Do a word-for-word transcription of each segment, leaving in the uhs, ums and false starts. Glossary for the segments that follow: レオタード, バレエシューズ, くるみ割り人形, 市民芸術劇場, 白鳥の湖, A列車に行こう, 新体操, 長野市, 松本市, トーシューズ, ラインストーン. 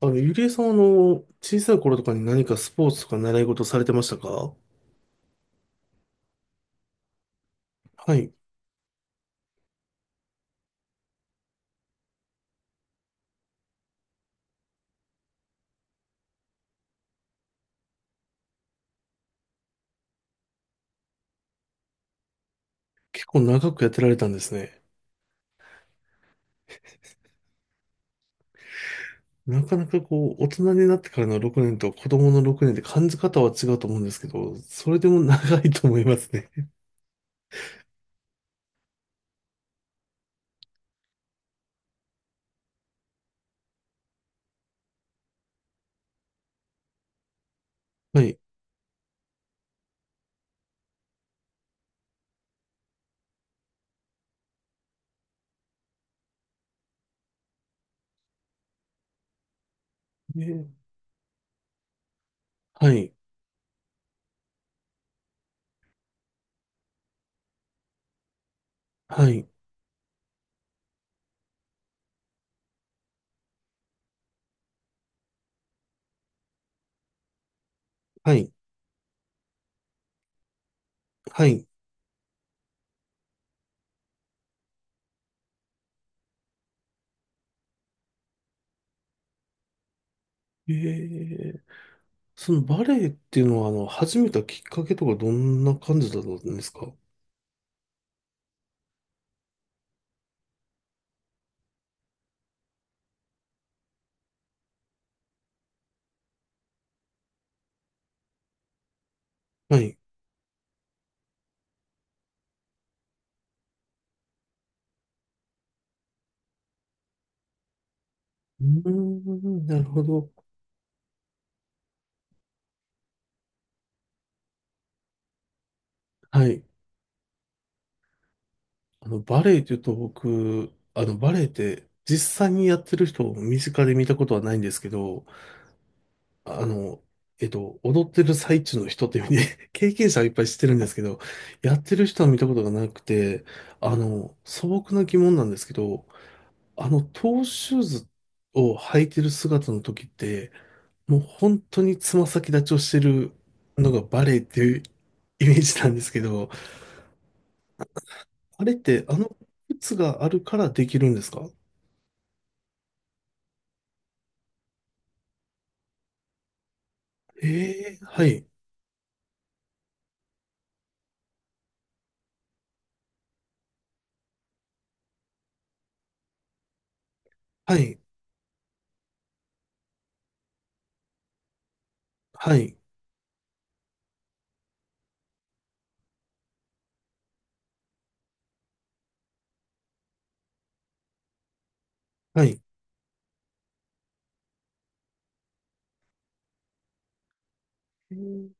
あの、ゆりえさんは、あの、小さい頃とかに何かスポーツとか習い事されてましたか？はい。結構長くやってられたんですね。なかなかこう、大人になってからのろくねんと子供のろくねんって感じ方は違うと思うんですけど、それでも長いと思いますね。はい。えー、はい。はい。はい。はい。えー、そのバレエっていうのは、あの、始めたきっかけとかどんな感じだったんですか？はい。うーん、なるほど。はい。あの、バレエって言うと僕、あの、バレエって実際にやってる人を身近で見たことはないんですけど、あの、えっと、踊ってる最中の人っていう意味で 経験者はいっぱい知ってるんですけど、やってる人は見たことがなくて、あの、素朴な疑問なんですけど、あの、トーシューズを履いてる姿の時って、もう本当につま先立ちをしてるのがバレエっていうイメージなんですけど、あれってあの靴があるからできるんですか？ええ、はい、はい、はい、はい、うん、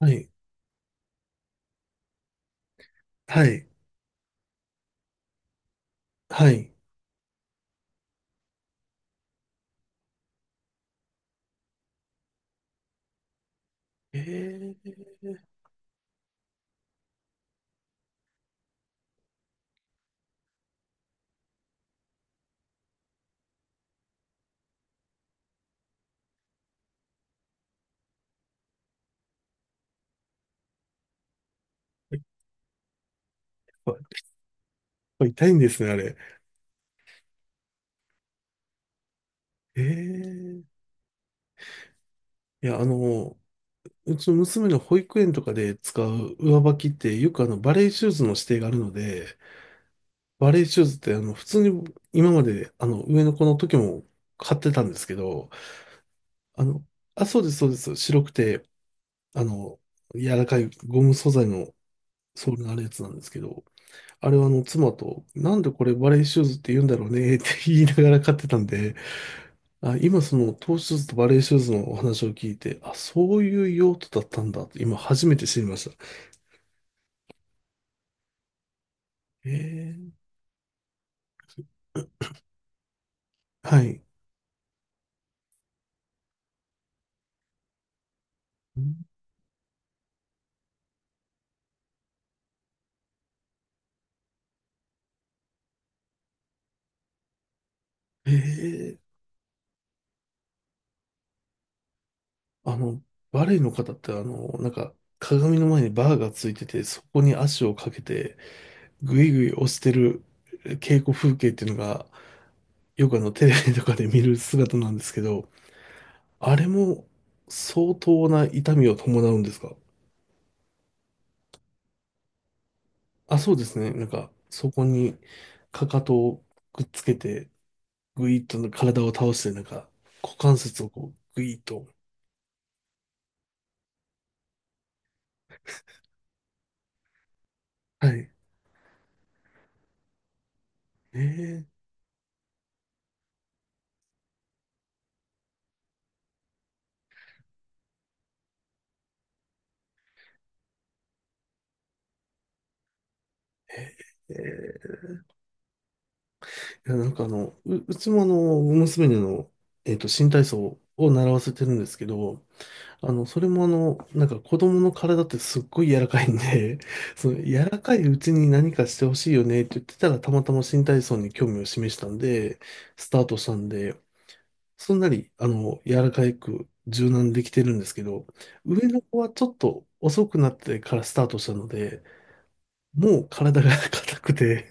はい、はい、はい。ええ、やっぱやっぱ痛いんですね、あれ。ええ、いや、あの、うちの娘の保育園とかで使う上履きって、よくあの、バレエシューズの指定があるので、バレエシューズって、あの、普通に今まで、あの、上の子の時も買ってたんですけど、あの、あ、そうです、そうです。白くて、あの、柔らかいゴム素材のソールのあるやつなんですけど、あれはあの妻と、なんでこれバレーシューズって言うんだろうねって言いながら買ってたんで、あ、今そのトーシューズとバレーシューズのお話を聞いて、あ、そういう用途だったんだと今初めて知りました。えー、はい。えー、あの、バレーの方ってあの、なんか鏡の前にバーがついてて、そこに足をかけて、ぐいぐい押してる稽古風景っていうのが、よくあのテレビとかで見る姿なんですけど、あれも相当な痛みを伴うんですか？あ、そうですね。なんか、そこに、かかとをくっつけて、ぐいっと体を倒して、なんか、股関節をこう、ぐいっと。はい。ええ、ええ、いや、なんかあの、う、うちもあの、娘にあの、えっと、新体操を習わせてるんですけど、あの、それもあの、なんか子供の体ってすっごい柔らかいんで、その柔らかいうちに何かしてほしいよねって言ってたら、たまたま新体操に興味を示したんで、スタートしたんで、そんなに、あの、柔らかく柔軟にできてるんですけど、上の子はちょっと遅くなってからスタートしたので、もう体が 硬くて、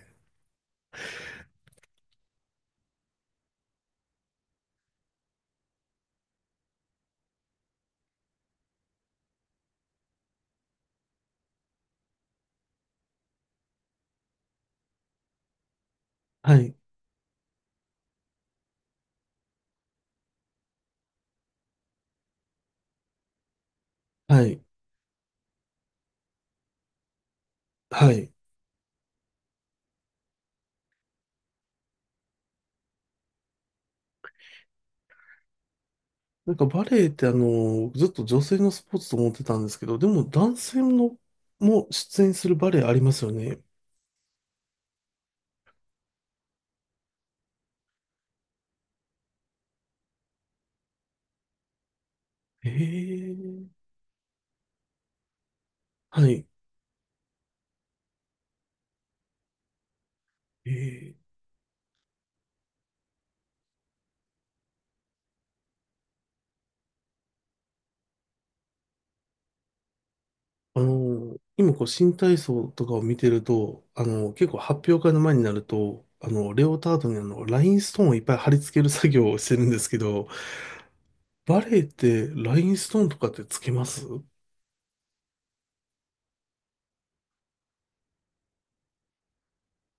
はい、はい、はい。なんかバレエってあの、ずっと女性のスポーツと思ってたんですけど、でも男性のも出演するバレエありますよね。ええ、はい。ええ、あの、今こう新体操とかを見てると、あの、結構発表会の前になると、あの、レオタードにあの、ラインストーンをいっぱい貼り付ける作業をしてるんですけど、バレエってラインストーンとかってつけます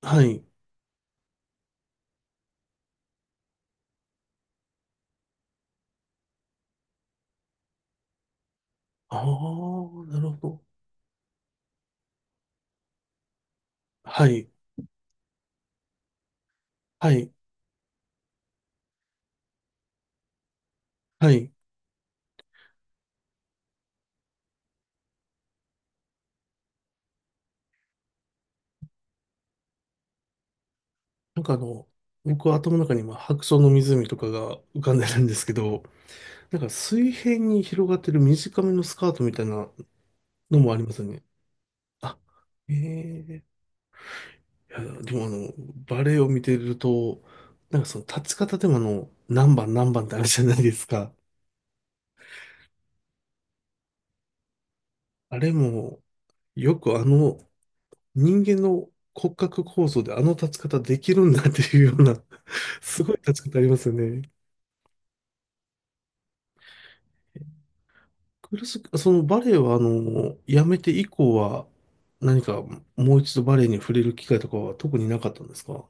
はい。ああ、なるほど。はい。はい。はい。なんかあの、僕は頭の中に今、白鳥の湖とかが浮かんでるんですけど、なんか水平に広がってる短めのスカートみたいなのもありますよね。あ、ええ、いや、でもあの、バレエを見てると、なんかその立ち方でもあの、何番何番ってあるじゃないですか。あれも、よくあの、人間の骨格構造であの立ち方できるんだっていうような、すごい立ち方ありますよね。苦しく、そのバレエはあの、やめて以降は、何かもう一度バレエに触れる機会とかは特になかったんですか？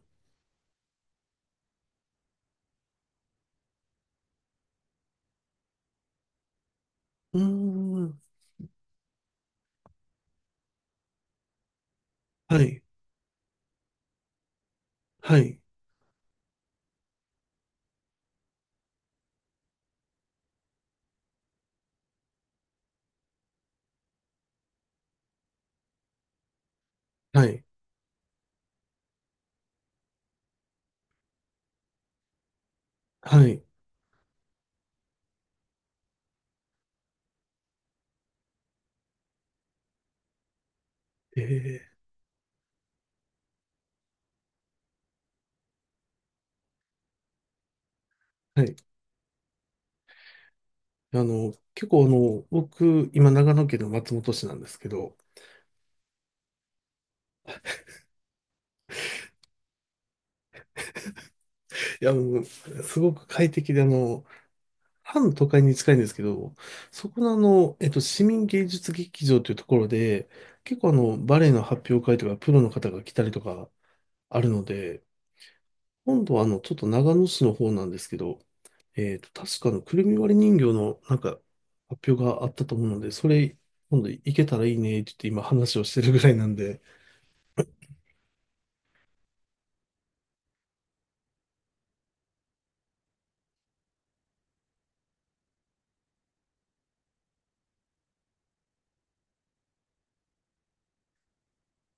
うーん。はい。はい。はい。はい。えー、はい。あの、結構あの、僕、今長野県の松本市なんですけど、いや、もう、すごく快適で、あの、半都会に近いんですけど、そこのあの、えっと、市民芸術劇場というところで、結構あの、バレエの発表会とか、プロの方が来たりとかあるので、今度はあの、ちょっと長野市の方なんですけど、えっと、確かあの、くるみ割り人形のなんか、発表があったと思うので、それ、今度行けたらいいね、って言って今話をしてるぐらいなんで、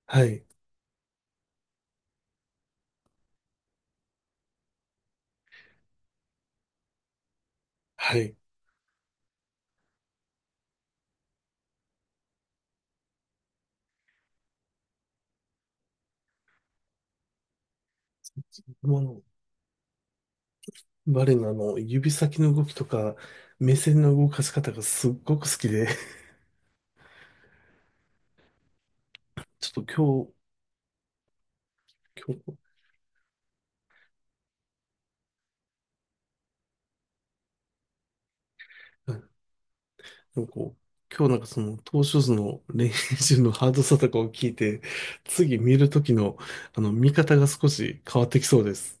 はい、はい。もう、バレのあの、指先の動きとか、目線の動かし方がすっごく好きで、ちょっと今日、今日、はい、なんかこう、今日なんかその、投手図の練習のハードさとかを聞いて、次見るときの、あの、見方が少し変わってきそうです。